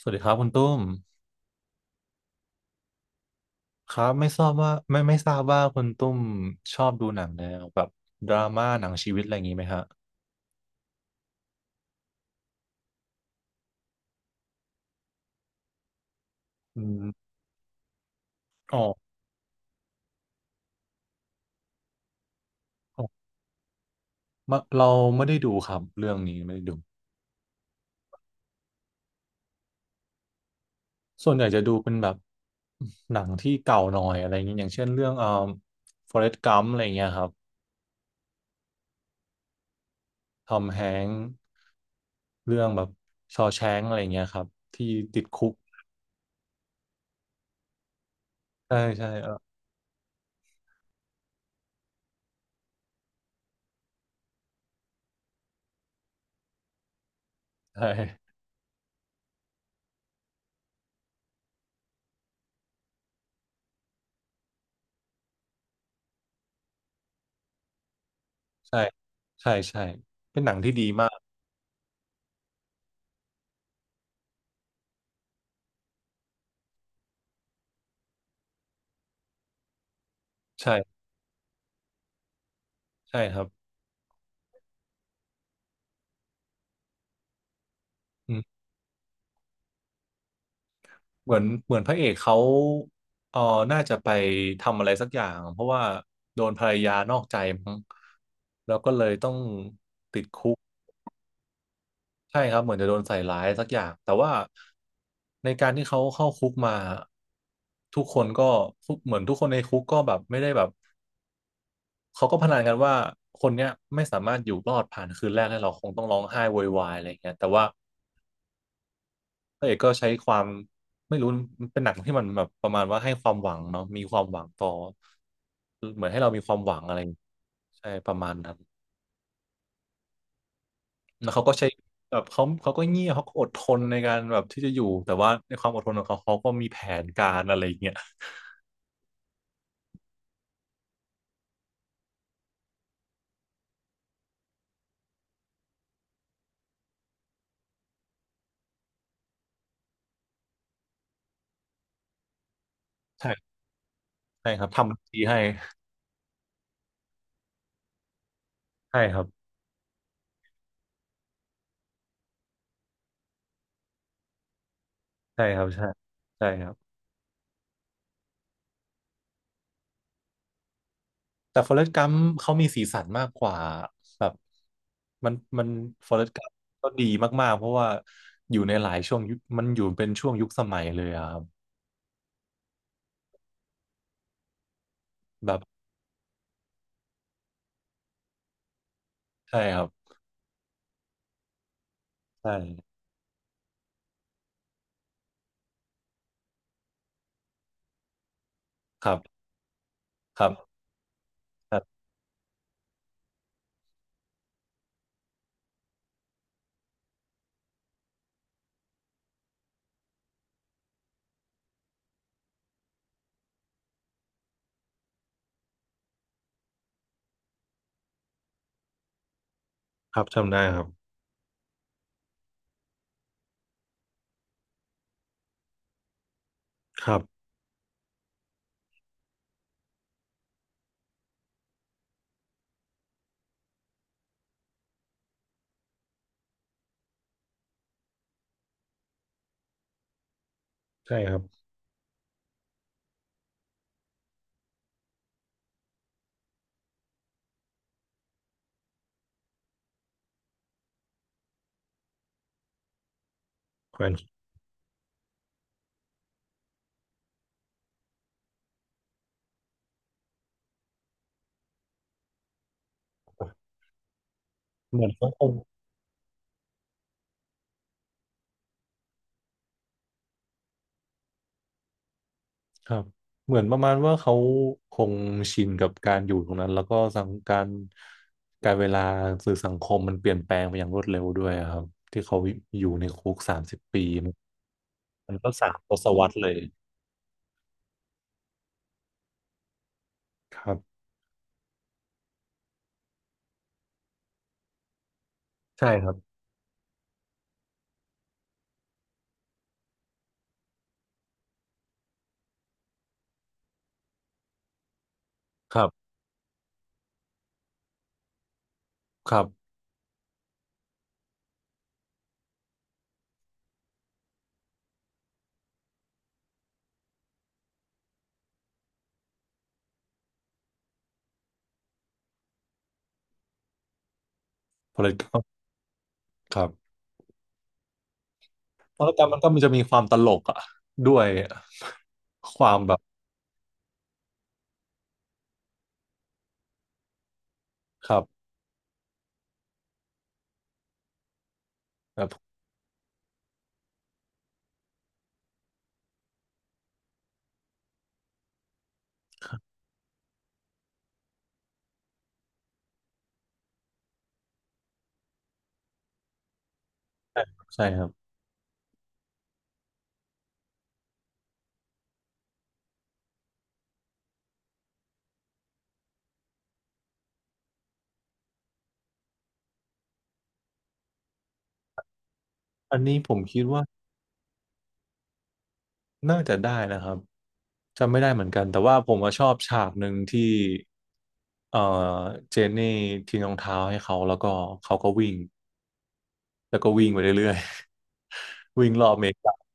สวัสดีครับคุณตุ้มครับไม่ทราบว่าไม่ทราบว่าคุณตุ้มชอบดูหนังแนวแบบดราม่าหนังชีวิตอะไรอย่างนี้ไหมฮะอืมอ๋ออ๋อมาเราไม่ได้ดูครับเรื่องนี้ไม่ได้ดูส่วนใหญ่จะดูเป็นแบบหนังที่เก่าหน่อยอะไรอย่างนี้ยอย่างเช่นเรื่องForrest Gump อะไรอย่างเงี้ยครับทอมแฮงค์เรื่องแบบชอว์แชงกอะไรอย่างเงี้ยครับที่ติดคุกใช่ใช่เออใช่ใช่ใช่ใช่เป็นหนังที่ดีมากใช่ใช่ครับ เหมือนพระเอกเขาเออน่าจะไปทำอะไรสักอย่างเพราะว่าโดนภรรยานอกใจมั้งแล้วก็เลยต้องใช่ครับเหมือนจะโดนใส่ร้ายสักอย่างแต่ว่าในการที่เขาเข้าคุกมาทุกคนก็ทุกเหมือนทุกคนในคุกก็แบบไม่ได้แบบเขาก็พนันกันว่าคนเนี้ยไม่สามารถอยู่รอดผ่านคืนแรกได้หรอกคงต้องร้องไห้โวยวายอะไรอย่างเงี้ยแต่ว่า พระเอกก็ใช้ความไม่รู้มันเป็นหนังที่มันแบบประมาณว่าให้ความหวังเนาะมีความหวังต่อเหมือนให้เรามีความหวังอะไรใช่ประมาณนั้นแล้วเขาก็ใช้แบบเขาก็เงียบเขาก็อดทนในการแบบที่จะอยู่แต่ว่าในความอดทนของเขาเขาก็มีแผนการอะไรอย่างเงี้ยใช่ใช่ครับทำทีให้ใช่ครับใช่ครับใช่ใช่ครับ แต่ Forrest Gump เขามีสีสันมากกว่าแบบมัน Forrest Gump ก็ดีมากๆเพราะว่าอยู่ในหลายช่วงยุคมันอยู่เป็นช่วงยุคสมัยเลยอะครับแบบใช่ครับใช่ครับครับครับครับจำได้ครับครับใช่ครับแขวนเหมือนเขาคงครับเหมือนประมาณว่าเขาคงชินกับการอยู่ตรงนั้นแล้วก็สังการการเวลาสื่อสังคมมันเปลี่ยนแปลงไปอย่างรวดเร็วด้วยอะครับที่เขาอยู่ในคุก30 ปี มันก็3 ทศวรรษเลยครับใช่ครับครับครับ political ครับเพรรณการมมันก็มันจะมีความตลกอ่ะด้วยอะความแบบครับแบบใช่ครับใช่ครับอันนี้ผมคิดว่าน่าจะได้นะครับจำไม่ได้เหมือนกันแต่ว่าผมว่าชอบฉากหนึ่งที่เอ่อเจนนี่ทิ้งรองเท้าให้เขาแล้วก็เขาก็วิ่งแล้วก็วิ่งไปเรื่อยๆ วิ่งรอบอเมริกา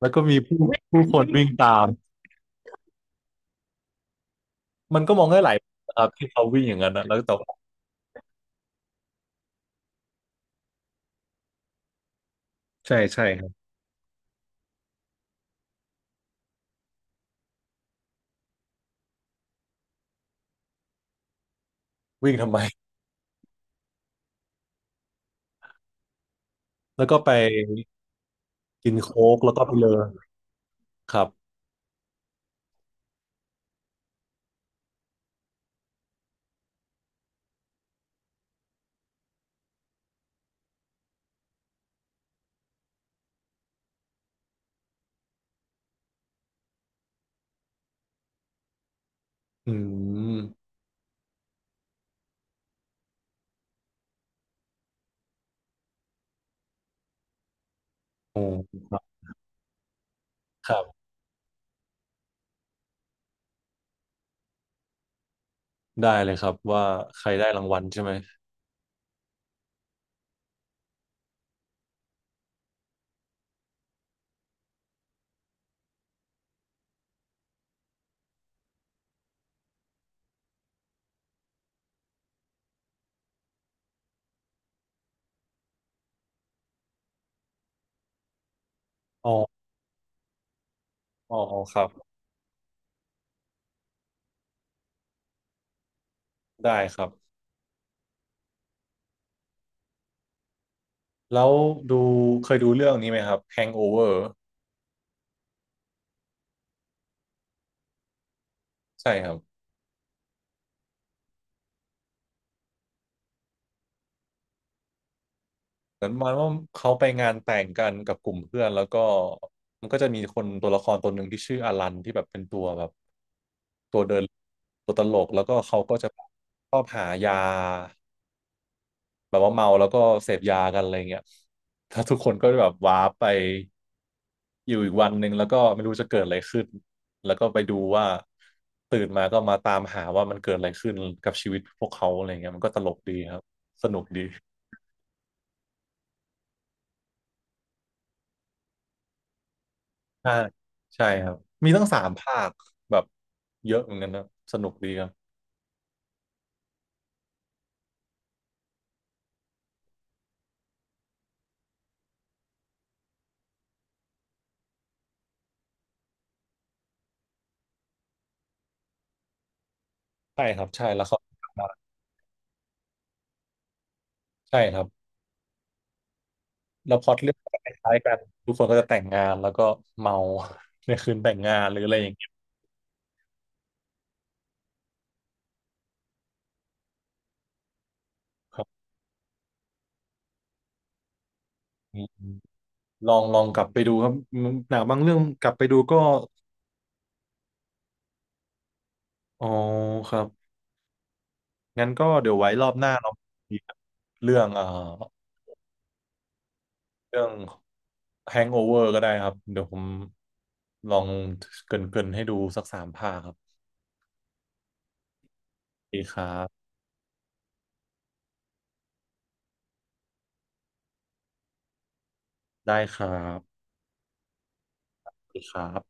แล้วก็มีผู้ผู้คนวิ่งตามมันก็มองได้หลายแบบนะครับที่เขาวิ่งอย่างนั้นนะแล้วแต่ ใช่ใช่ครับวิ่งทำไมแล้วก็ไปกินโค้กแล้วก็ไปเลอครับอืมโอ้ครับครับได้เลยครับว่าใครได้รางวัลใช่ไหมอ๋ออ๋อครับได้ครับแล้วดูเคยดูเรื่องนี้ไหมครับ Hangover ใช่ครับเหมือนประมันว่าเขาไปงานแต่งกันกับกลุ่มเพื่อนแล้วก็มันก็จะมีคนตัวละครตัวหนึ่งที่ชื่ออลันที่แบบเป็นตัวแบบตัวเดินตัวตลกแล้วก็เขาก็จะชอบหายา แบบว่าเมาแล้วก็เสพยากันอะไรเงี้ยถ้าทุกคนก็แบบว้าร์ปไปอยู่อีกวันหนึ่งแล้วก็ไม่รู้จะเกิดอะไรขึ้นแล้วก็ไปดูว่าตื่นมาก็มาตามหาว่ามันเกิดอะไรขึ้นกับชีวิตพวกเขาอะไรเงี้ยมันก็ตลกดีครับสนุกดีใช่ใช่ครับมีตั้งสามภาคแบบเยอะเหมือนกันนะสนุกดีครับใช่ครับใช่แล้วเขาใช่ครับแล้วพล็อตเรื่องก็คล้ายๆกันทุกคนก็จะแต่งงานแล้วก็เมา ในคืนแต่งงานหรืออะไรอย่างเงี้ยครับ ลองกลับไปดูครับหนังบางเรื่องกลับไปดูก็อ๋อครับงั้นก็เดี๋ยวไว้รอบหน้าเราคุยกันเรื่องเรื่อง Hangover ก็ได้ครับเดี๋ยวผมลองเกรินๆให้ดูสักสามภาคครับดีครับได้ครับดีครับ